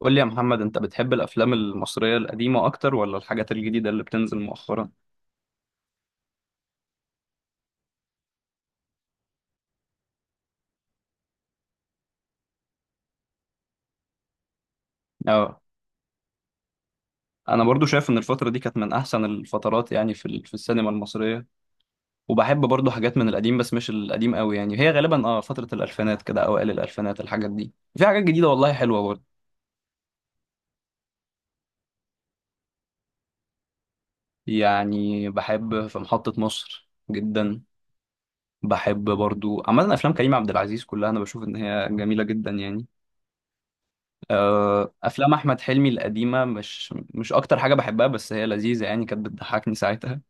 قول لي يا محمد، انت بتحب الافلام المصريه القديمه اكتر ولا الحاجات الجديده اللي بتنزل مؤخرا؟ اه. انا برضو شايف ان الفتره دي كانت من احسن الفترات يعني في السينما المصريه. وبحب برضو حاجات من القديم بس مش القديم قوي، يعني هي غالبا فتره الالفينات كده، اوائل الالفينات. الحاجات دي في حاجات جديده والله حلوه برضو. يعني بحب في محطه مصر جدا. بحب برضو عامه افلام كريم عبد العزيز كلها، انا بشوف ان هي جميله جدا يعني. افلام احمد حلمي القديمه مش اكتر حاجه بحبها بس هي لذيذه يعني، كانت بتضحكني ساعتها.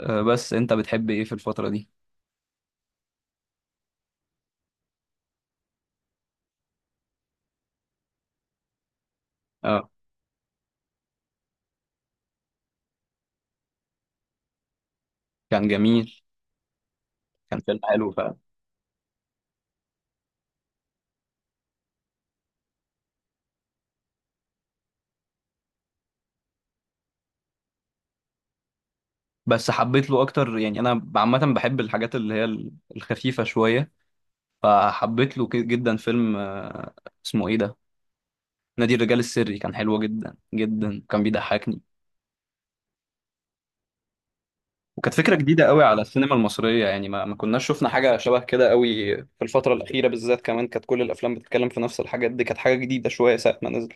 بس انت بتحب ايه في الفتره دي؟ اه، كان جميل. كان فيلم حلو فعلا. بس حبيت له اكتر يعني، انا عامه بحب الحاجات اللي هي الخفيفه شويه. فحبيت له جدا فيلم اسمه ايه ده؟ نادي الرجال السري كان حلو جدا جدا، كان بيضحكني. وكانت فكرة جديدة قوي على السينما المصرية، يعني ما كناش شفنا حاجة شبه كده قوي في الفترة الأخيرة، بالذات كمان كانت كل الأفلام بتتكلم في نفس الحاجات دي. كانت حاجة جديدة شوية ساعة ما نزل.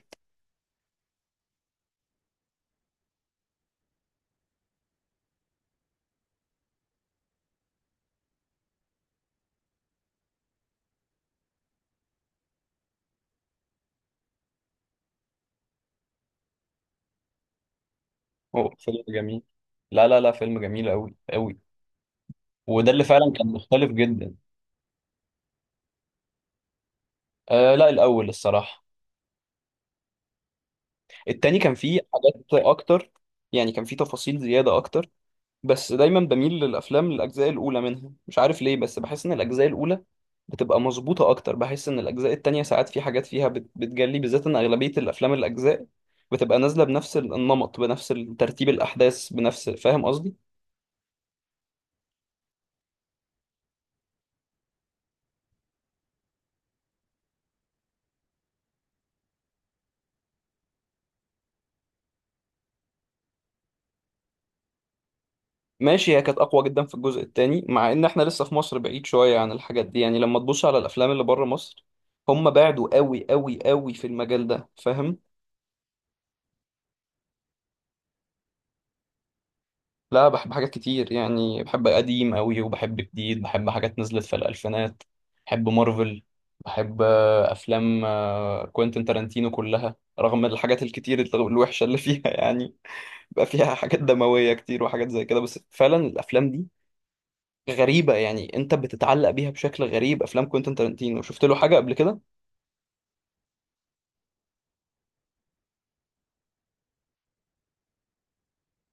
هو فيلم جميل. لا لا لا، فيلم جميل قوي قوي. وده اللي فعلا كان مختلف جدا. آه لا، الأول الصراحة. التاني كان فيه حاجات أكتر، يعني كان فيه تفاصيل زيادة أكتر. بس دايما بميل للافلام الاجزاء الاولى منها، مش عارف ليه، بس بحس ان الاجزاء الاولى بتبقى مظبوطه اكتر. بحس ان الاجزاء التانية ساعات في حاجات فيها بتجلي، بالذات ان اغلبيه الافلام الاجزاء بتبقى نازله بنفس النمط، بنفس ترتيب الاحداث، بنفس. فاهم قصدي؟ ماشي، هي كانت اقوى جدا في الجزء التاني، مع ان احنا لسه في مصر بعيد شويه عن الحاجات دي، يعني لما تبص على الافلام اللي بره مصر هم بعدوا قوي قوي قوي في المجال ده، فاهم؟ لا، بحب حاجات كتير يعني، بحب قديم قوي وبحب جديد، بحب حاجات نزلت في الألفينات. بحب مارفل. بحب أفلام كوينتين تارانتينو كلها، رغم الحاجات الكتير الوحشة اللي فيها يعني. بقى فيها حاجات دموية كتير وحاجات زي كده، بس فعلا الأفلام دي غريبة يعني، أنت بتتعلق بيها بشكل غريب. أفلام كوينتين تارانتينو، شفت له حاجة قبل كده؟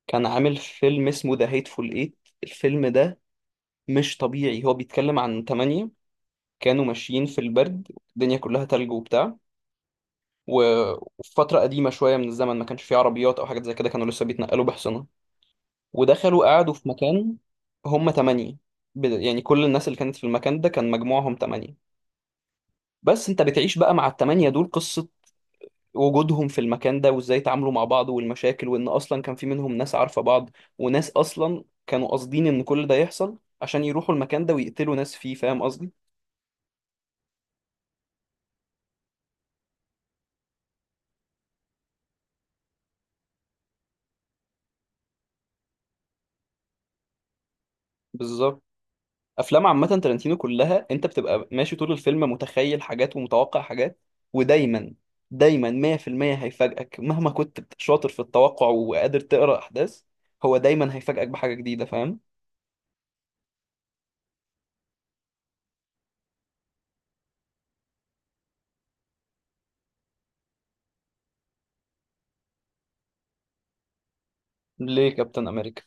كان عامل فيلم اسمه ذا هيتفول إيت. الفيلم ده مش طبيعي. هو بيتكلم عن تمانية كانوا ماشيين في البرد، الدنيا كلها تلج وبتاع، و- وفي فترة قديمة شوية من الزمن ما كانش فيه عربيات أو حاجات زي كده، كانوا لسه بيتنقلوا بحصنة، ودخلوا قعدوا في مكان. هم تمانية، يعني كل الناس اللي كانت في المكان ده كان مجموعهم تمانية. بس أنت بتعيش بقى مع التمانية دول، قصة وجودهم في المكان ده وإزاي تعاملوا مع بعض والمشاكل، وإن أصلا كان في منهم ناس عارفة بعض، وناس أصلا كانوا قاصدين إن كل ده يحصل عشان يروحوا المكان ده ويقتلوا ناس فيه. فاهم قصدي؟ بالظبط. افلام عامه تارانتينو كلها، انت بتبقى ماشي طول الفيلم متخيل حاجات ومتوقع حاجات، ودايما دايما 100% هيفاجئك، مهما كنت شاطر في التوقع وقادر تقرا احداث، هو دايما هيفاجئك بحاجه جديده، فاهم؟ ليه كابتن امريكا؟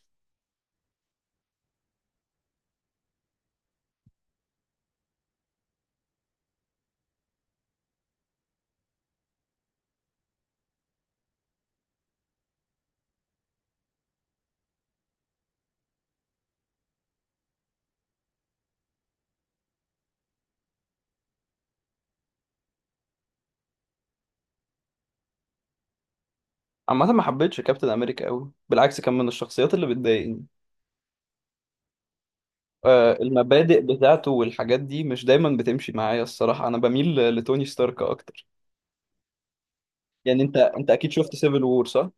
عامه ما حبيتش كابتن امريكا قوي، بالعكس كان من الشخصيات اللي بتضايقني. المبادئ بتاعته والحاجات دي مش دايما بتمشي معايا الصراحه، انا بميل لتوني ستارك اكتر. يعني انت اكيد شفت سيفل وور، صح؟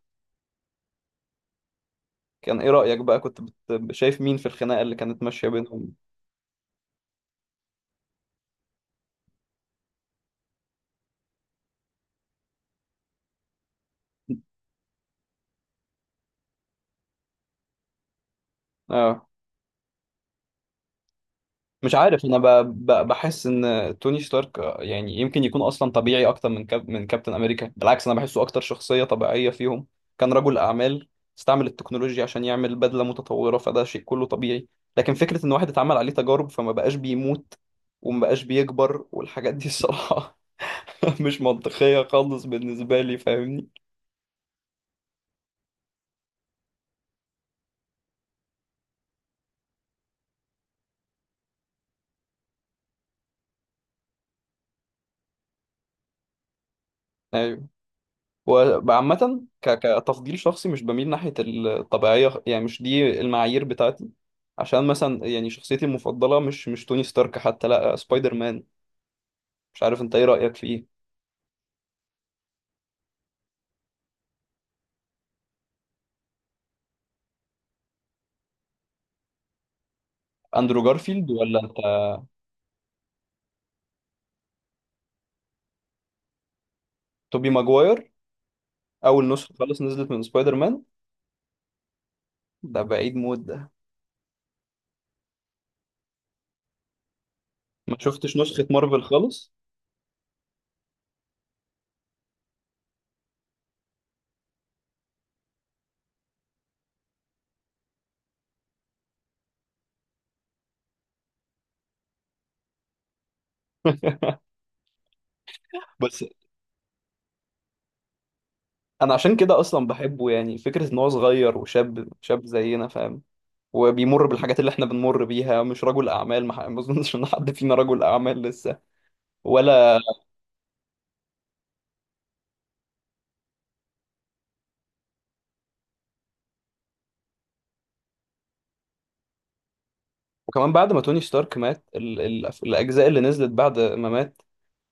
كان ايه رايك بقى، كنت شايف مين في الخناقه اللي كانت ماشيه بينهم؟ اه. مش عارف، انا بحس ان توني ستارك يعني يمكن يكون اصلا طبيعي اكتر من من كابتن امريكا. بالعكس انا بحسه اكتر شخصية طبيعية فيهم. كان رجل اعمال، استعمل التكنولوجيا عشان يعمل بدلة متطورة، فده شيء كله طبيعي. لكن فكرة ان واحد اتعمل عليه تجارب فما بقاش بيموت وما بقاش بيكبر والحاجات دي الصراحة مش منطقية خالص بالنسبة لي، فاهمني؟ ايوه. وعامة كتفضيل شخصي مش بميل ناحية الطبيعية، يعني مش دي المعايير بتاعتي. عشان مثلا يعني شخصيتي المفضلة مش توني ستارك، حتى لا سبايدر مان. مش عارف انت ايه رأيك في ايه؟ اندرو جارفيلد ولا انت؟ توبي ماجواير. اول نسخة خالص نزلت من سبايدر مان، ده بعيد موت ده. ما شفتش نسخة مارفل خالص. بس انا عشان كده اصلا بحبه، يعني فكرة ان هو صغير وشاب شاب زينا، فاهم؟ وبيمر بالحاجات اللي احنا بنمر بيها، مش رجل اعمال. ما اظنش ان حد فينا رجل اعمال لسه ولا. وكمان بعد ما توني ستارك مات الاجزاء اللي نزلت بعد ما مات،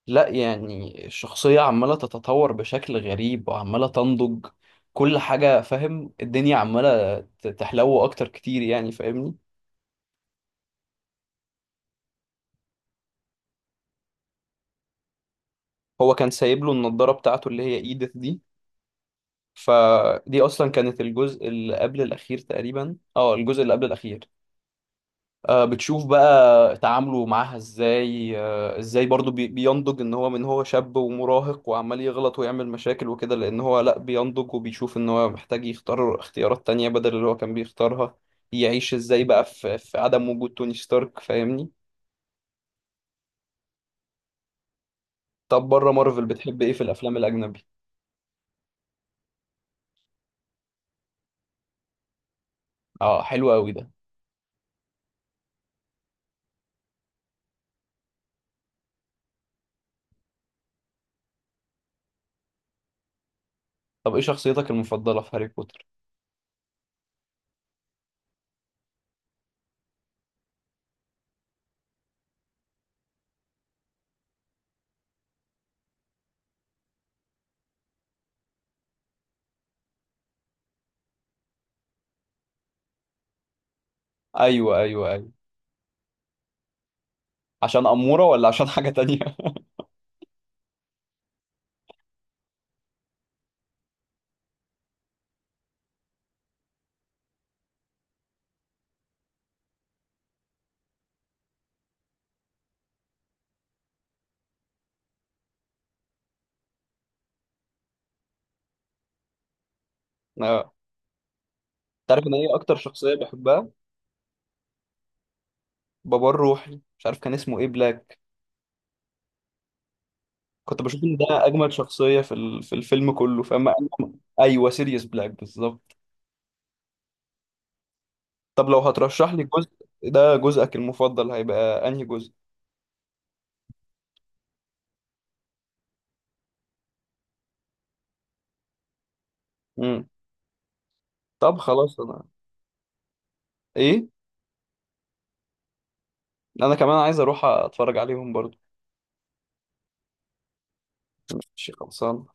لا يعني الشخصية عمالة تتطور بشكل غريب وعمالة تنضج كل حاجة. فاهم؟ الدنيا عمالة تحلو اكتر كتير يعني، فاهمني؟ هو كان سايب له النضارة بتاعته اللي هي ايدث دي، فدي اصلا كانت الجزء اللي قبل الاخير تقريبا، الجزء اللي قبل الاخير. بتشوف بقى تعامله معاها ازاي، ازاي برضو بينضج ان هو من هو شاب ومراهق وعمال يغلط ويعمل مشاكل وكده، لان هو لا بينضج وبيشوف ان هو محتاج يختار اختيارات تانية بدل اللي هو كان بيختارها. يعيش ازاي بقى في عدم وجود توني ستارك، فاهمني؟ طب بره مارفل بتحب ايه في الافلام الاجنبي؟ اه، حلو قوي ده. طب ايه شخصيتك المفضلة في هاري بوتر؟ ايوه ايوه ايوه. عشان أمورة ولا عشان حاجة تانية؟ اه. تعرف ان ايه اكتر شخصية بحبها؟ بابا الروحي، مش عارف كان اسمه ايه، بلاك. كنت بشوف ان ده اجمل شخصيه في الفيلم كله فاما. ايوه سيريوس بلاك بالظبط. طب لو هترشح لي جزء، ده جزءك المفضل، هيبقى انهي جزء؟ امم. طب خلاص انا. ايه؟ انا كمان عايز اروح اتفرج عليهم برضو. ماشي، خلصان.